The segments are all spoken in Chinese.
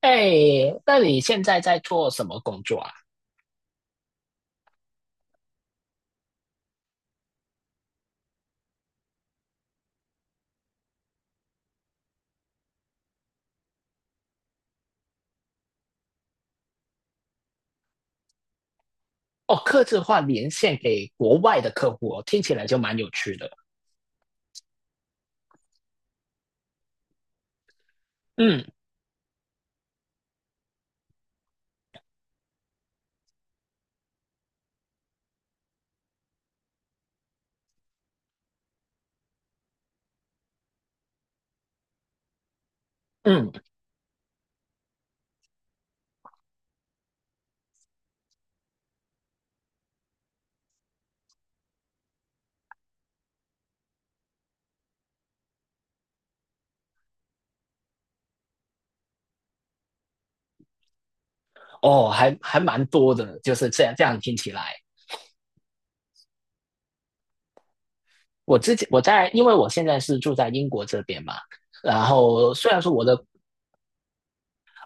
哎，那你现在在做什么工作啊？哦，客制化连线给国外的客户哦，听起来就蛮有趣的。嗯嗯。哦，还蛮多的，就是这样听起来。我之前我在，因为我现在是住在英国这边嘛，然后虽然说我的。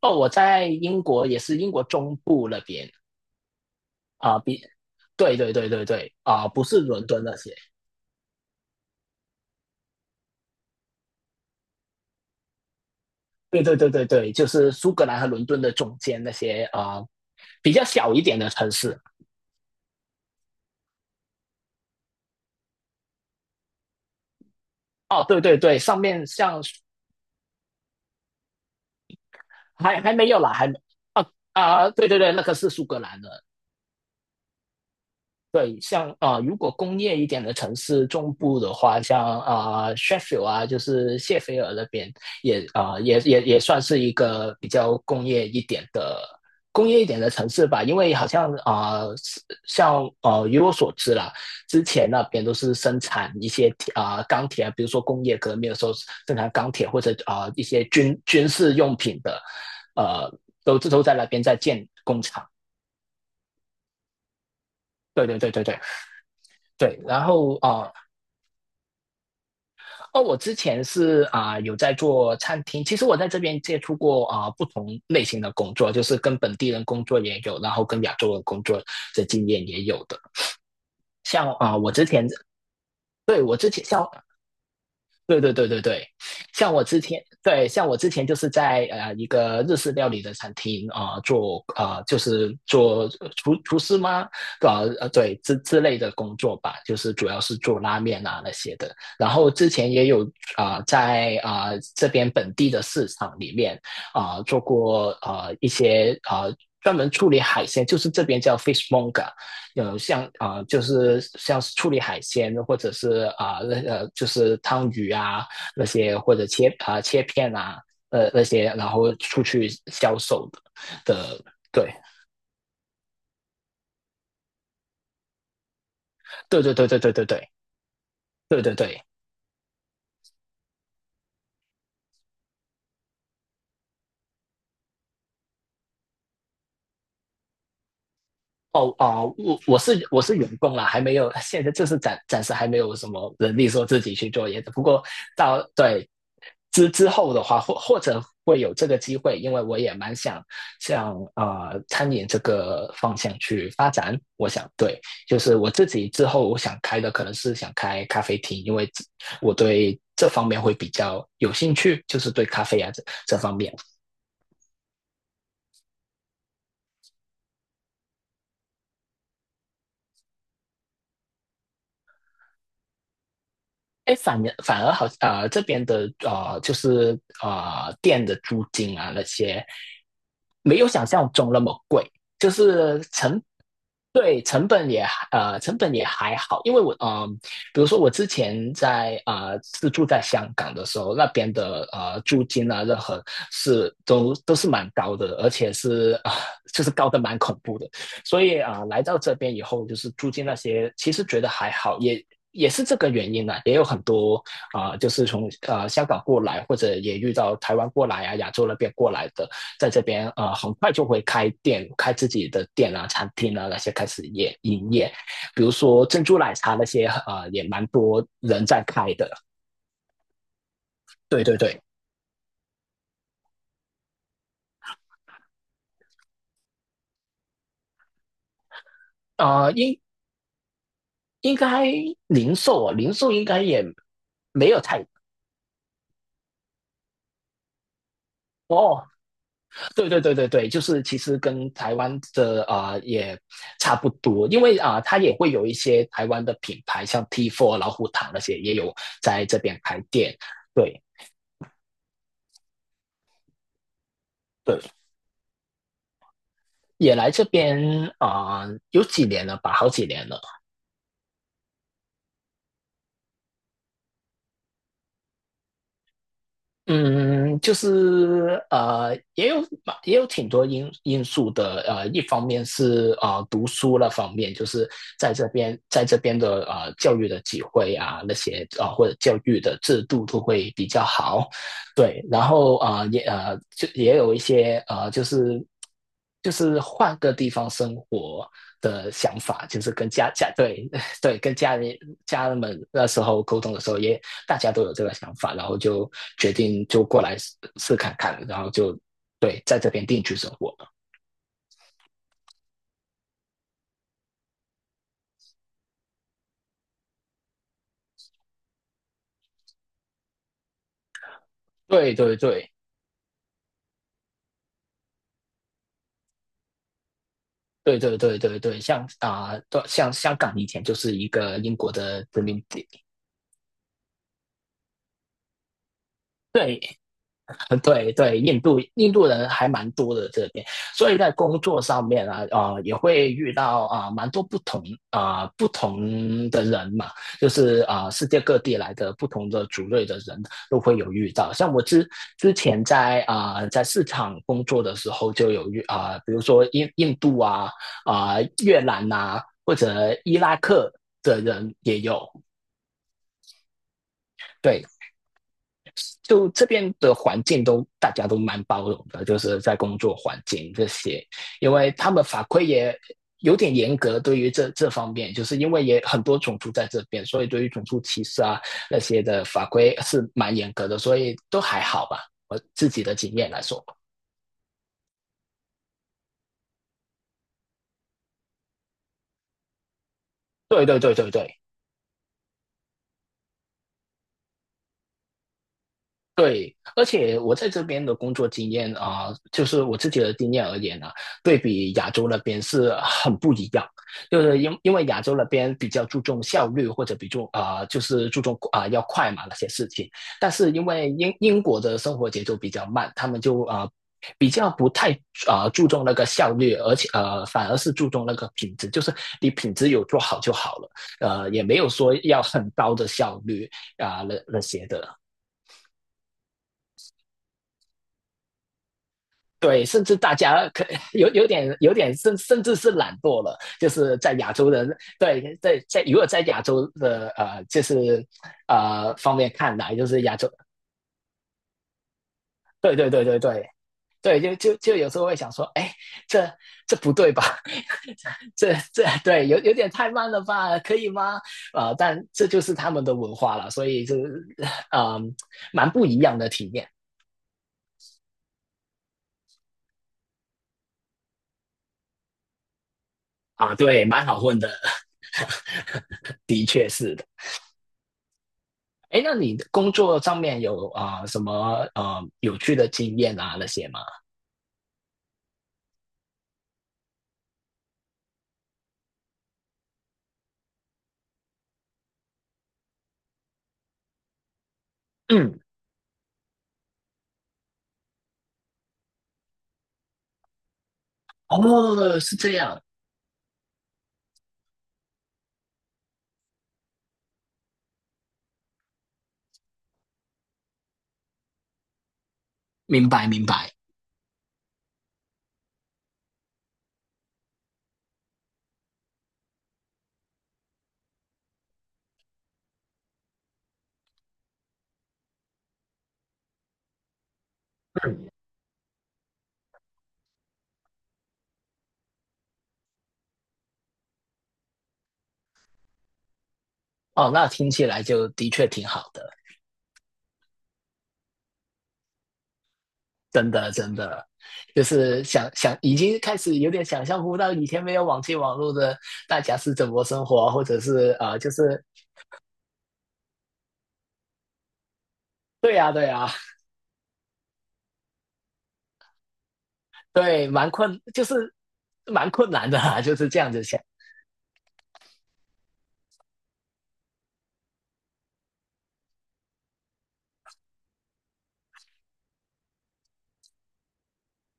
哦，我在英国，也是英国中部那边。啊，比对对对对对啊，不是伦敦那些。对对对对对，就是苏格兰和伦敦的中间那些啊，比较小一点的城市。哦，对对对，上面像还没有啦，还没啊。啊，对对对，那个是苏格兰的。对，像如果工业一点的城市中部的话，像Sheffield 啊，就是谢菲尔那边也也算是一个比较工业一点的城市吧。因为好像以我所知啦，之前那边都是生产一些钢铁啊，比如说工业革命的时候生产钢铁，或者一些军事用品的。呃，都在那边在建工厂。对对对对对。对，然后哦，我之前是有在做餐厅。其实我在这边接触过不同类型的工作，就是跟本地人工作也有，然后跟亚洲人工作的经验也有的。像我之前，对，我之前像，对对对对对，像我之前，对，像我之前就是在一个日式料理的餐厅做啊，就是做厨师吗？对，之类的工作吧，就是主要是做拉面啊那些的。然后之前也有在这边本地的市场里面做过啊，一些啊，专门处理海鲜，就是这边叫 fishmonger。 像就是像是处理海鲜，或者是啊，那就是汤鱼啊那些，或者切切片啊，那些，然后出去销售的，对对对对对对对对对对对对。哦哦，我是员工啦，还没有，现在就是暂时还没有什么能力说自己去做椰子。不过到对，后的话，或或者会有这个机会，因为我也蛮想向餐饮这个方向去发展。我想，对，就是我自己之后我想开的，可能是想开咖啡厅，因为我对这方面会比较有兴趣，就是对咖啡啊这这方面。哎，反而好。这边的就是店的租金啊那些，没有想象中那么贵，就是对，成本也，成本也还好。因为我，比如说我之前在是住在香港的时候，那边的租金啊任何是都是蛮高的，而且是啊、就是高的蛮恐怖的。所以来到这边以后，就是租金那些，其实觉得还好。也也是这个原因呢，啊，也有很多就是从香港过来，或者也遇到台湾过来啊，亚洲那边过来的，在这边啊，很快就会开店，开自己的店啊、餐厅啊，那些开始也营业。比如说珍珠奶茶那些啊，也蛮多人在开的。对对对，啊，应，应该零售啊，零售应该也没有太。哦，对对对对对，就是其实跟台湾的也差不多，因为它也会有一些台湾的品牌，像 T4 老虎堂那些也有在这边开店。对对，也来这边有几年了吧，好几年了。嗯，就是也有，也有挺多因素的。一方面是读书那方面，就是在这边，在这边的教育的机会啊，那些或者教育的制度都会比较好。对，然后也，就也有一些就是，就是换个地方生活的想法，就是跟家，对， 对，跟家人，家人们那时候沟通的时候也大家都有这个想法，然后就决定就过来试试看看，然后就对在这边定居生活。对对对对对对对对，像啊，对，像香港以前就是一个英国的殖民地。对，嗯，对对，印度，印度人还蛮多的这边，所以在工作上面啊，啊，也会遇到蛮多不同不同的人嘛，就是世界各地来的不同的族类的人都会有遇到。像我之前在在市场工作的时候，就有遇比如说印度啊，越南呐，或者伊拉克的人也有。对，就这边的环境，都大家都蛮包容的，就是在工作环境这些，因为他们法规也有点严格，对于这这方面，就是因为也很多种族在这边，所以对于种族歧视啊那些的法规是蛮严格的，所以都还好吧，我自己的经验来说。对对对对对，对，而且我在这边的工作经验啊，就是我自己的经验而言呢，对比亚洲那边是很不一样。就是因为亚洲那边比较注重效率，或者比重啊，就是注重啊，要快嘛那些事情。但是因为英国的生活节奏比较慢，他们就啊，比较不太啊，注重那个效率，而且反而是注重那个品质，就是你品质有做好就好了，也没有说要很高的效率啊，那那些的。对，甚至大家可有点甚至是懒惰了，就是在亚洲人，对，在在如果在亚洲的就是方面看来，就是亚洲。对对对对对对，就就就有时候会想说，哎，这，这不对吧？这，这对有有点太慢了吧，可以吗？但这就是他们的文化了，所以就是，嗯，蛮不一样的体验啊。对，蛮好混的，的确是的。哎，那你工作上面有什么有趣的经验啊那些吗？嗯，哦，是这样，明白明白。哦，那听起来就的确挺好的，真的真的，就是想想已经开始有点想象不到以前没有网际网络的大家是怎么生活啊，或者是就是，对呀，对呀，对，蛮困，就是蛮困难的啊，就是这样子想。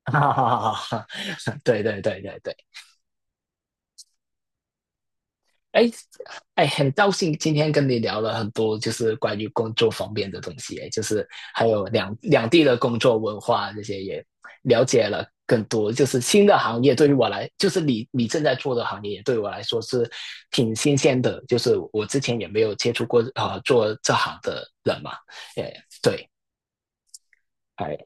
哈哈哈哈哈，对对对对对。哎，哎，很高兴今天跟你聊了很多，就是关于工作方面的东西，就是还有两地的工作文化这些也了解了更多。就是新的行业对于我来，就是你你正在做的行业，对我来说是挺新鲜的，就是我之前也没有接触过做这行的人嘛。哎，对，哎，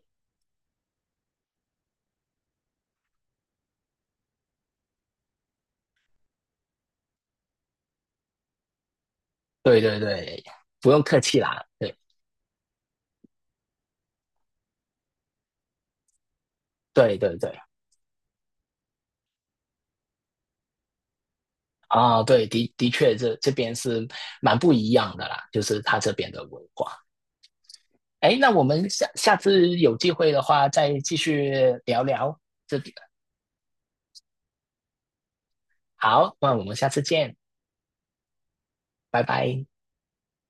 对对对，不用客气啦，对对对对。啊，对，的的确这，这边是蛮不一样的啦，就是他这边的文化。哎，那我们下次有机会的话，再继续聊聊这。好，那我们下次见，拜拜。